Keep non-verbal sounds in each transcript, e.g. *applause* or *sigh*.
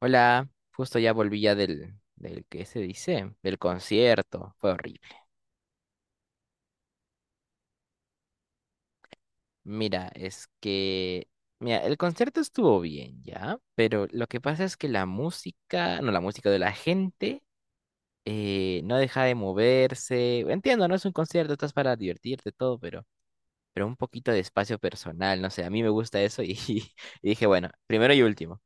Hola, justo ya volví ya del, ¿qué se dice? Del concierto, fue horrible. Mira, es que, mira, el concierto estuvo bien ya, pero lo que pasa es que la música, no, la música de la gente no deja de moverse. Entiendo, no es un concierto, estás para divertirte todo, pero un poquito de espacio personal, no sé, a mí me gusta eso y, *laughs* y dije, bueno, primero y último.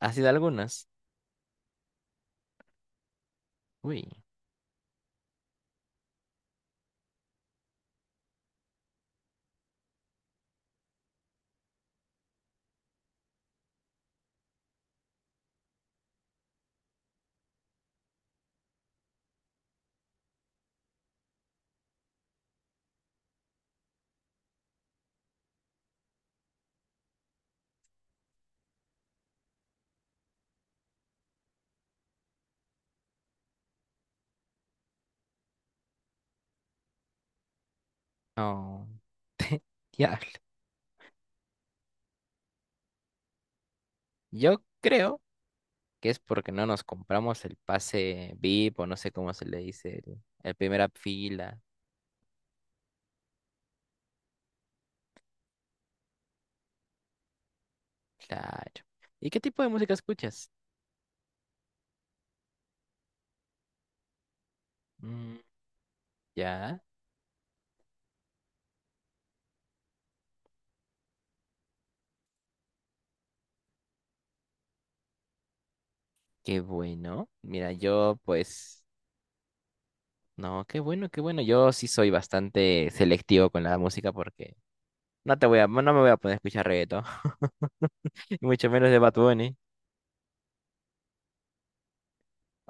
¿Has sido algunas? Uy, no, ya. Yo creo que es porque no nos compramos el pase VIP o no sé cómo se le dice, el primera fila. Claro. ¿Y qué tipo de música escuchas? Mm, ya, qué bueno. Mira, yo pues, no, qué bueno, qué bueno. Yo sí soy bastante selectivo con la música porque no te voy a, no me voy a poner a escuchar reggaetón, *laughs* y mucho menos de Bad Bunny.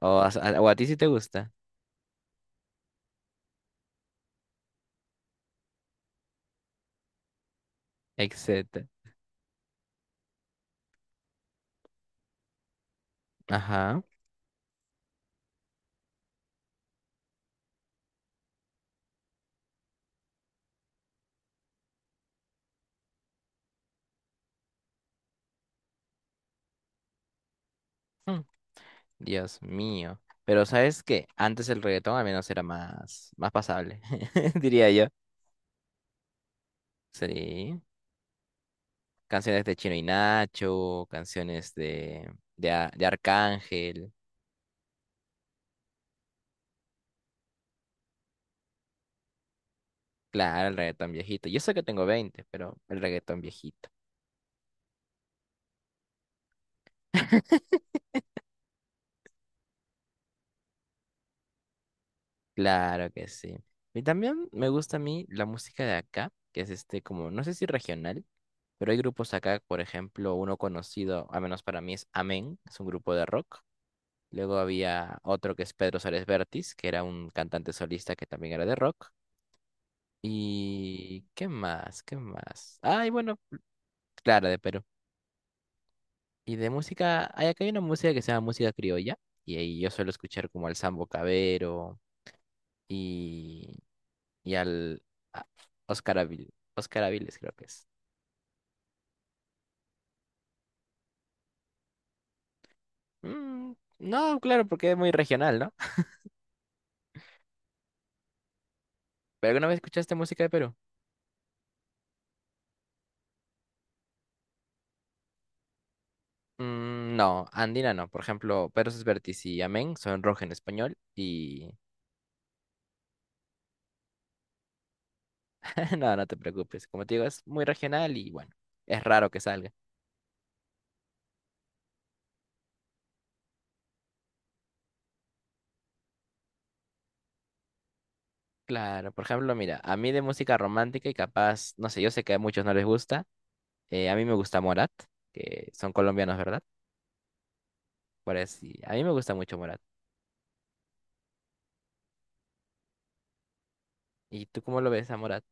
O a ti si te gusta, etcétera. Ajá. Dios mío. Pero ¿sabes que antes el reggaetón al menos era más pasable, *laughs* diría yo. Sí. Canciones de Chino y Nacho, canciones de Arcángel. Claro, el reggaetón viejito. Yo sé que tengo 20, pero el reggaetón viejito. Claro que sí. Y también me gusta a mí la música de acá, que es este como, no sé si regional, pero hay grupos acá, por ejemplo, uno conocido, al menos para mí es Amén, es un grupo de rock. Luego había otro que es Pedro Suárez Vértiz, que era un cantante solista que también era de rock. ¿Y qué más? ¿Qué más? Ay, bueno, claro, de Perú. Y de música, hay acá hay una música que se llama música criolla. Y ahí yo suelo escuchar como al Sambo Cabero y, y al a- Oscar Aviles, creo que es. Mm, no, claro, porque es muy regional, ¿no? *laughs* ¿Pero alguna vez escuchaste música de Perú? Mm, no, andina no. Por ejemplo, Perros Vertis y Amén son rock en español y. *laughs* No, no te preocupes. Como te digo, es muy regional y bueno, es raro que salga. Claro, por ejemplo, mira, a mí de música romántica y capaz, no sé, yo sé que a muchos no les gusta. A mí me gusta Morat, que son colombianos, ¿verdad? Por así, a mí me gusta mucho Morat. ¿Y tú cómo lo ves a Morat?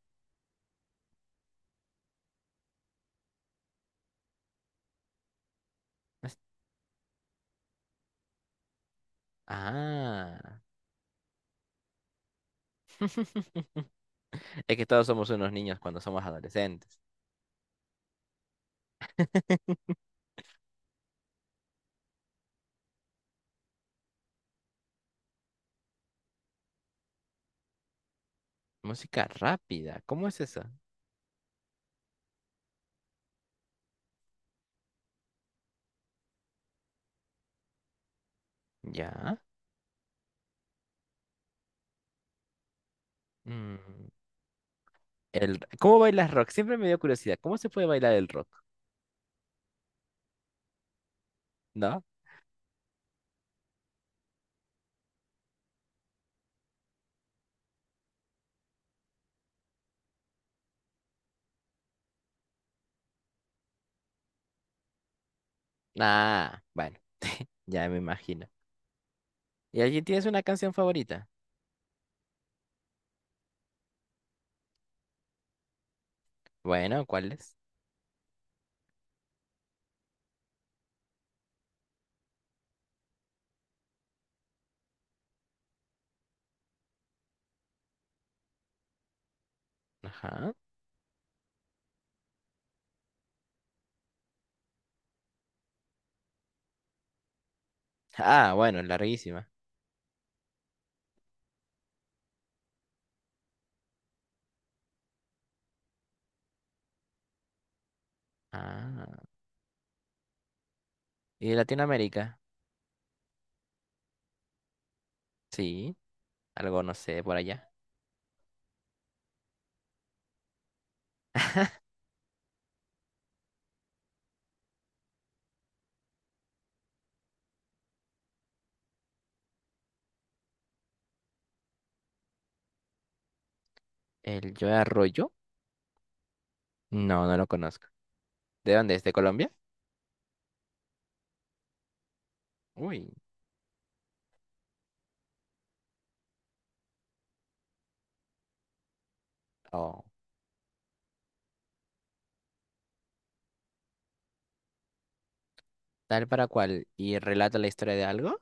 Es- Ah, *laughs* es que todos somos unos niños cuando somos adolescentes. *laughs* Música rápida, ¿cómo es eso? Ya. mm, ¿cómo bailas rock? Siempre me dio curiosidad. ¿Cómo se puede bailar el rock? ¿No? Ah, bueno. Ya me imagino. ¿Y allí tienes una canción favorita? Bueno, ¿cuál es? Ajá. Ah, bueno, larguísima. Ah. ¿Y de Latinoamérica? Sí, algo no sé por allá. *laughs* ¿El Joe Arroyo? No, no lo conozco. ¿De dónde es? ¿De Colombia? Uy. Oh. ¿Tal para cual? ¿Y relata la historia de algo?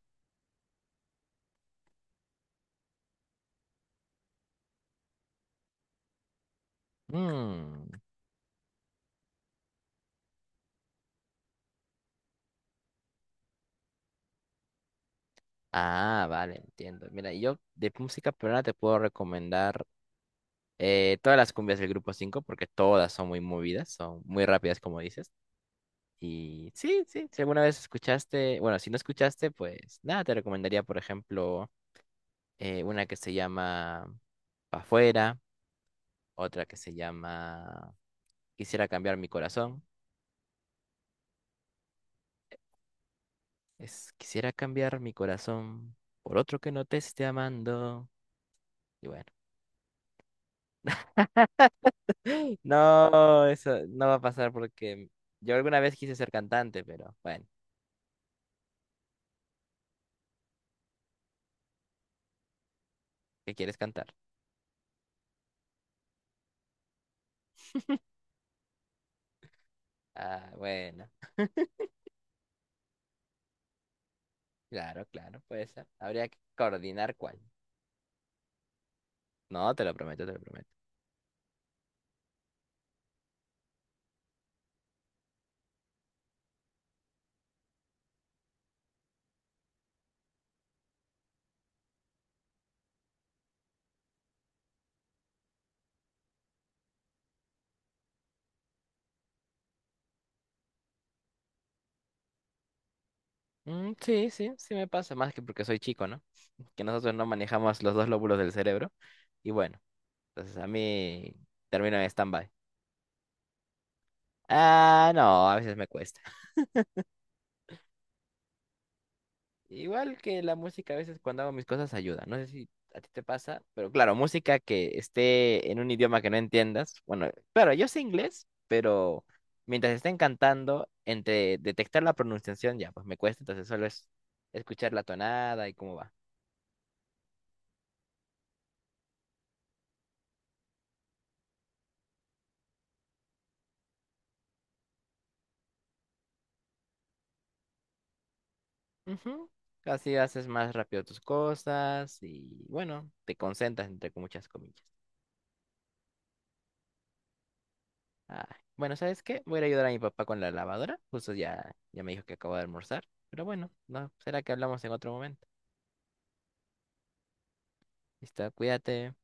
Mm. Ah, vale, entiendo. Mira, yo de música peruana te puedo recomendar todas las cumbias del Grupo 5 porque todas son muy movidas, son muy rápidas, como dices. Y sí, sí, si alguna vez escuchaste, bueno, si no escuchaste, pues nada, te recomendaría, por ejemplo, una que se llama Pa' Fuera, otra que se llama Quisiera cambiar mi corazón. Es Quisiera cambiar mi corazón por otro que no te esté amando. Y bueno, *gasps* no, eso no va a pasar porque yo alguna vez quise ser cantante, pero bueno, ¿qué quieres cantar? Ah, bueno, claro, claro, puede ser. Habría que coordinar cuál. No, te lo prometo, te lo prometo. Mm, sí, sí, sí me pasa, más que porque soy chico, ¿no? Que nosotros no manejamos los dos lóbulos del cerebro. Y bueno, entonces a mí termino en stand-by. Ah, no, a veces me cuesta. Igual que la música, a veces cuando hago mis cosas ayuda. No sé si a ti te pasa, pero claro, música que esté en un idioma que no entiendas. Bueno, claro, yo sé inglés, pero mientras estén cantando, entre detectar la pronunciación ya, pues me cuesta, entonces solo es escuchar la tonada y cómo va. Ujú. Así haces más rápido tus cosas y bueno, te concentras entre muchas comillas. Ay, bueno, ¿sabes qué? Voy a ir a ayudar a mi papá con la lavadora. Justo ya, ya me dijo que acabo de almorzar. Pero bueno, no, será que hablamos en otro momento. Listo, cuídate.